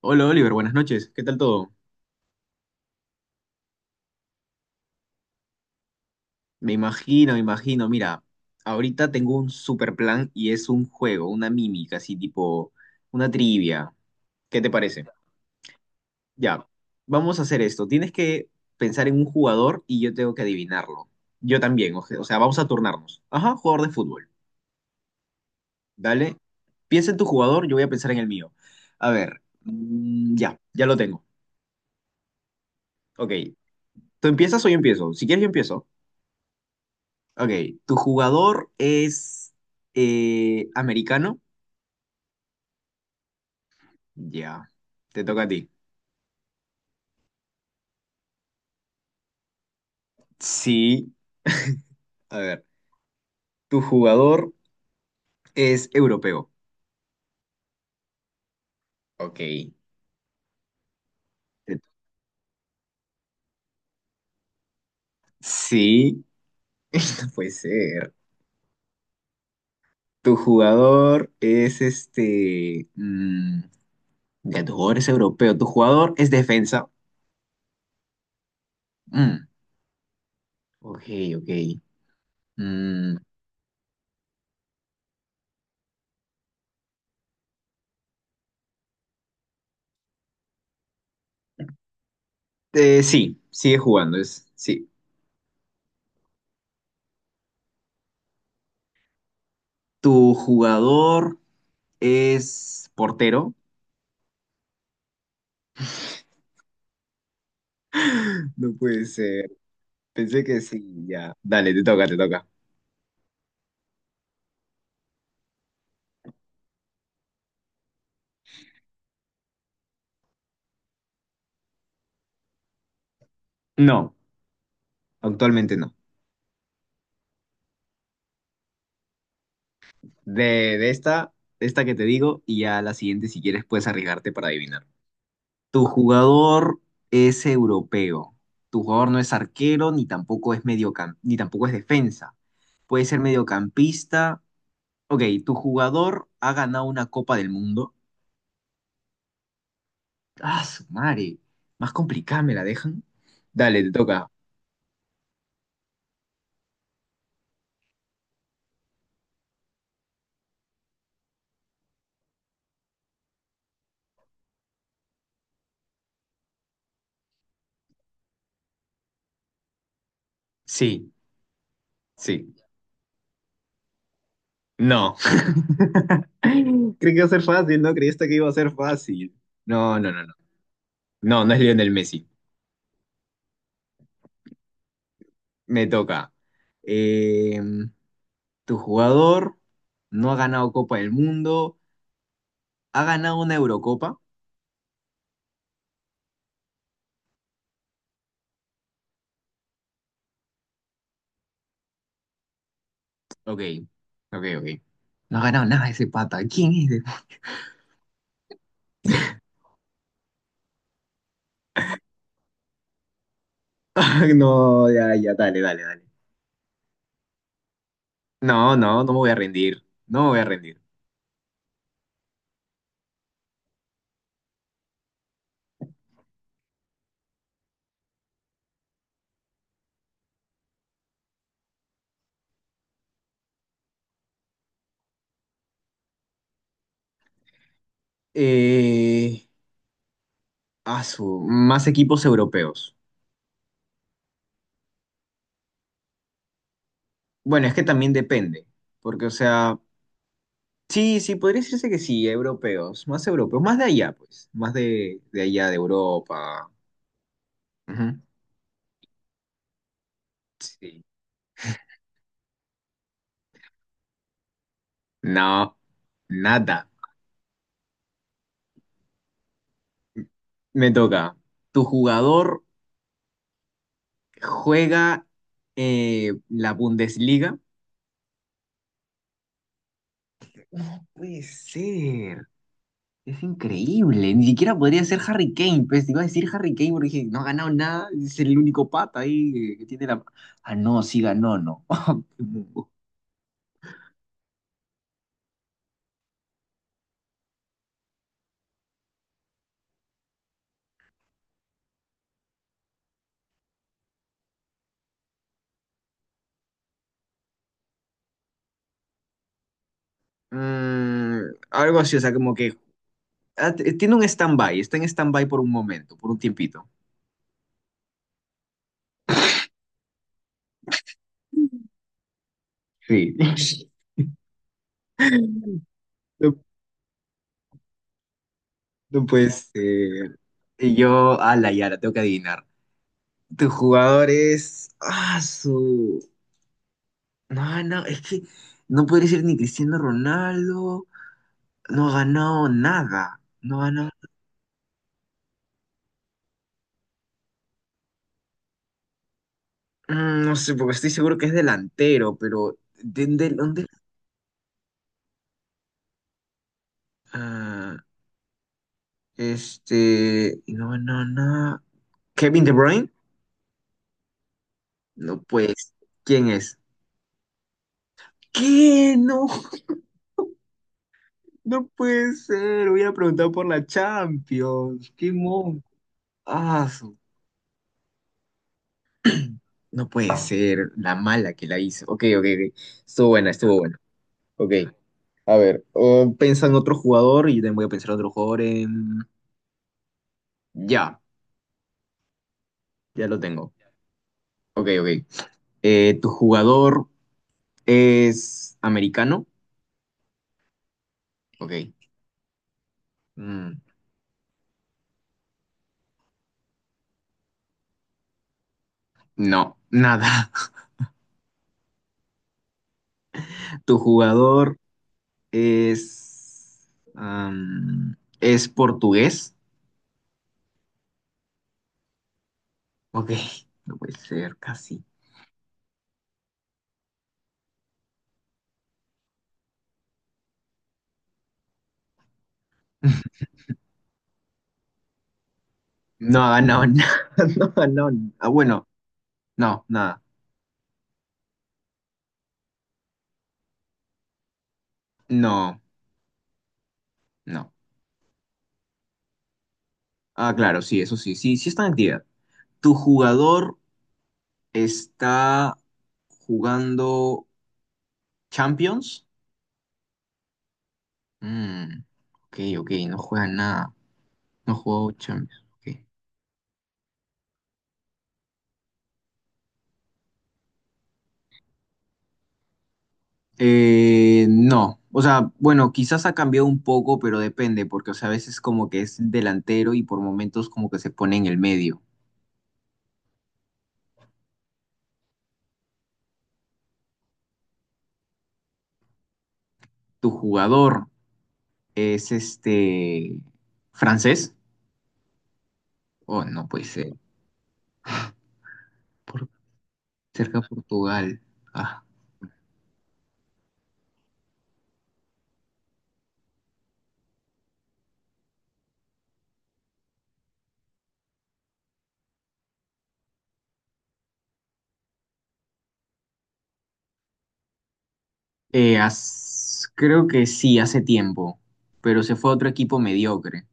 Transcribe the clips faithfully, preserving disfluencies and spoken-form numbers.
Hola Oliver, buenas noches. ¿Qué tal todo? Me imagino, me imagino. Mira, ahorita tengo un super plan y es un juego, una mímica, así tipo una trivia. ¿Qué te parece? Ya, vamos a hacer esto. Tienes que pensar en un jugador y yo tengo que adivinarlo. Yo también, o sea, o sea, vamos a turnarnos. Ajá, jugador de fútbol. Dale. Piensa en tu jugador, yo voy a pensar en el mío. A ver, mm, ya, ya lo tengo. Ok, ¿tú empiezas o yo empiezo? Si quieres, yo empiezo. Ok, ¿tu jugador es eh, americano? Ya, te toca a ti. Sí, a ver, ¿tu jugador es europeo? Ok. te- Sí, puede ser. ¿Tu jugador es este... mm, ya, tu jugador es europeo? ¿Tu jugador es defensa? Mm, ok, ok. Mm, eh, sí, sigue jugando, es... Sí. ¿Tu jugador es portero? No puede ser. Pensé que sí, ya. Dale, te toca, te toca. No. Actualmente no. De, de esta, de esta que te digo, y ya la siguiente, si quieres, puedes arriesgarte para adivinar. Tu jugador es europeo. Tu jugador no es arquero, ni tampoco es mediocam- ni tampoco es defensa. Puede ser mediocampista. Ok, tu jugador ha ganado una Copa del Mundo. Ah, su madre. Más complicada me la dejan. Dale, te toca. Sí, sí. No. Creí que iba a ser fácil, ¿no? Creíste que iba a ser fácil. No, no, no, no. No, no es Lionel Messi. Me toca. Eh, tu jugador no ha ganado Copa del Mundo. ¿Ha ganado una Eurocopa? Ok, ok, ok. No ha ganado nada ese pata. ¿Quién es ese? No, ya, ya, dale, dale, dale. No, no, no me voy a rendir. No me voy a rendir. Eh, a su, más equipos europeos. Bueno, es que también depende. Porque, o sea. Sí, sí, podría decirse que sí, europeos, más europeos, más de allá, pues, más de, de allá, de Europa. Ujú. Sí. No, nada. Me toca. ¿Tu jugador juega eh, la Bundesliga? No puede ser. Es increíble. Ni siquiera podría ser Harry Kane. Pues te iba a decir Harry Kane porque dije, no ha ganado nada. Es el único pata ahí que que tiene la... Ah, no, sí ganó, no. Mm, algo así, o sea, como que ah, t- eh, tiene un stand-by, está en stand-by por un momento, por un tiempito. Sí. No, no puede ser. Y yo, a la Yara, tengo que adivinar. Tu jugador es. Ah, su. No, no, es que no podría ser ni Cristiano Ronaldo. No ha ganado nada. No ha ganado. Mm, no sé, porque estoy seguro que es delantero, pero. ¿De, de- dónde? Ah, este. No, no, no. ¿Kevin De Bruyne? No, pues. ¿Quién es? ¿Qué? No, no puede ser. Voy a preguntar por la Champions. ¿Qué monco? Ah, su- no puede ser. La mala que la hizo. Ok, ok, ok. Estuvo buena, estuvo buena. Ok. A ver, o piensa en otro jugador y yo también voy a pensar en otro jugador. em, Ya, ya lo tengo. Ok, ok. Eh, ¿tu jugador es americano? Ok. Mm, no, nada. ¿Tu jugador es, am, es portugués? Ok, no puede ser, casi. No ha ganado nada. No ha ganado n- Ah, bueno, no, nada. No, no. Ah, claro, sí, eso sí, sí, sí está en actividad. ¿Tu jugador está jugando Champions? Mm, ok, ok, no juega nada. No ha jugado Champions. Ok. Eh, no, o sea, bueno, quizás ha cambiado un poco, pero depende, porque o sea, a veces como que es delantero y por momentos como que se pone en el medio. ¿Tu jugador es este francés? Oh, no puede ser. Por, cerca de Portugal. Ah. Eh, as- creo que sí, hace tiempo, pero se fue a otro equipo mediocre.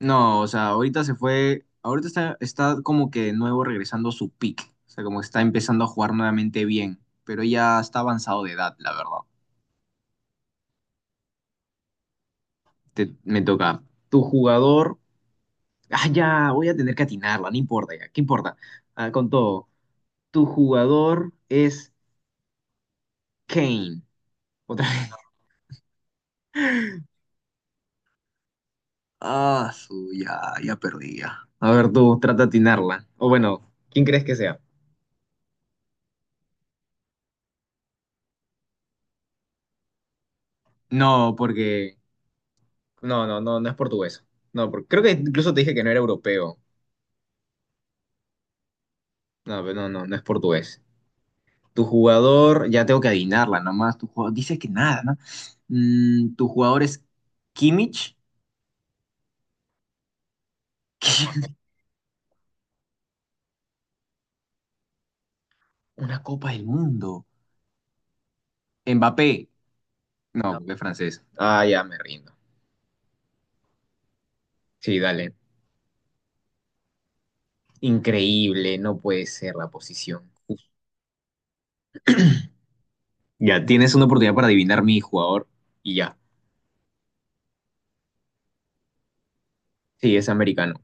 No, o sea, ahorita se fue, ahorita está, está como que de nuevo regresando a su peak, o sea, como que está empezando a jugar nuevamente bien, pero ya está avanzado de edad, la verdad. Te- me toca. Tu jugador, ah, ya, voy a tener que atinarla, no importa ya, ¿qué importa? Ah, con todo. Tu jugador es Kane. Otra vez. Ah, su, ya, ya perdí ya. A ver, tú, trata de atinarla. O bueno, ¿quién crees que sea? No, porque no, no, no, no es portugués. No, por- creo que incluso te dije que no era europeo. No, pero no, no, no es portugués. Tu jugador, ya tengo que adivinarla nomás. Tu jugador, dice que nada, ¿no? Mm, tu jugador es Kimmich. Una Copa del Mundo. Mbappé. No, no, porque es francés. Ah, ya me rindo. Sí, dale. Increíble, no puede ser la posición. Ya, tienes una oportunidad para adivinar mi jugador y ya. Sí, es americano.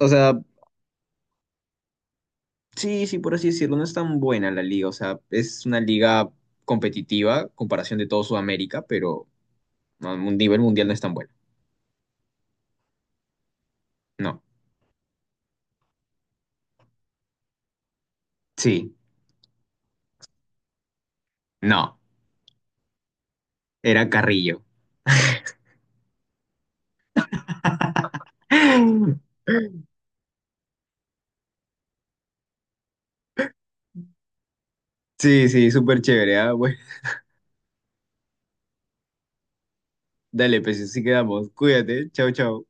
O sea, sí, sí, por así decirlo, no es tan buena la liga, o sea, es una liga competitiva, comparación de todo Sudamérica, pero no, a un nivel mundial no es tan buena. No, sí, no, era Carrillo. Sí, sí, súper chévere, ah, bueno, dale, pues así quedamos, cuídate, chao, chao.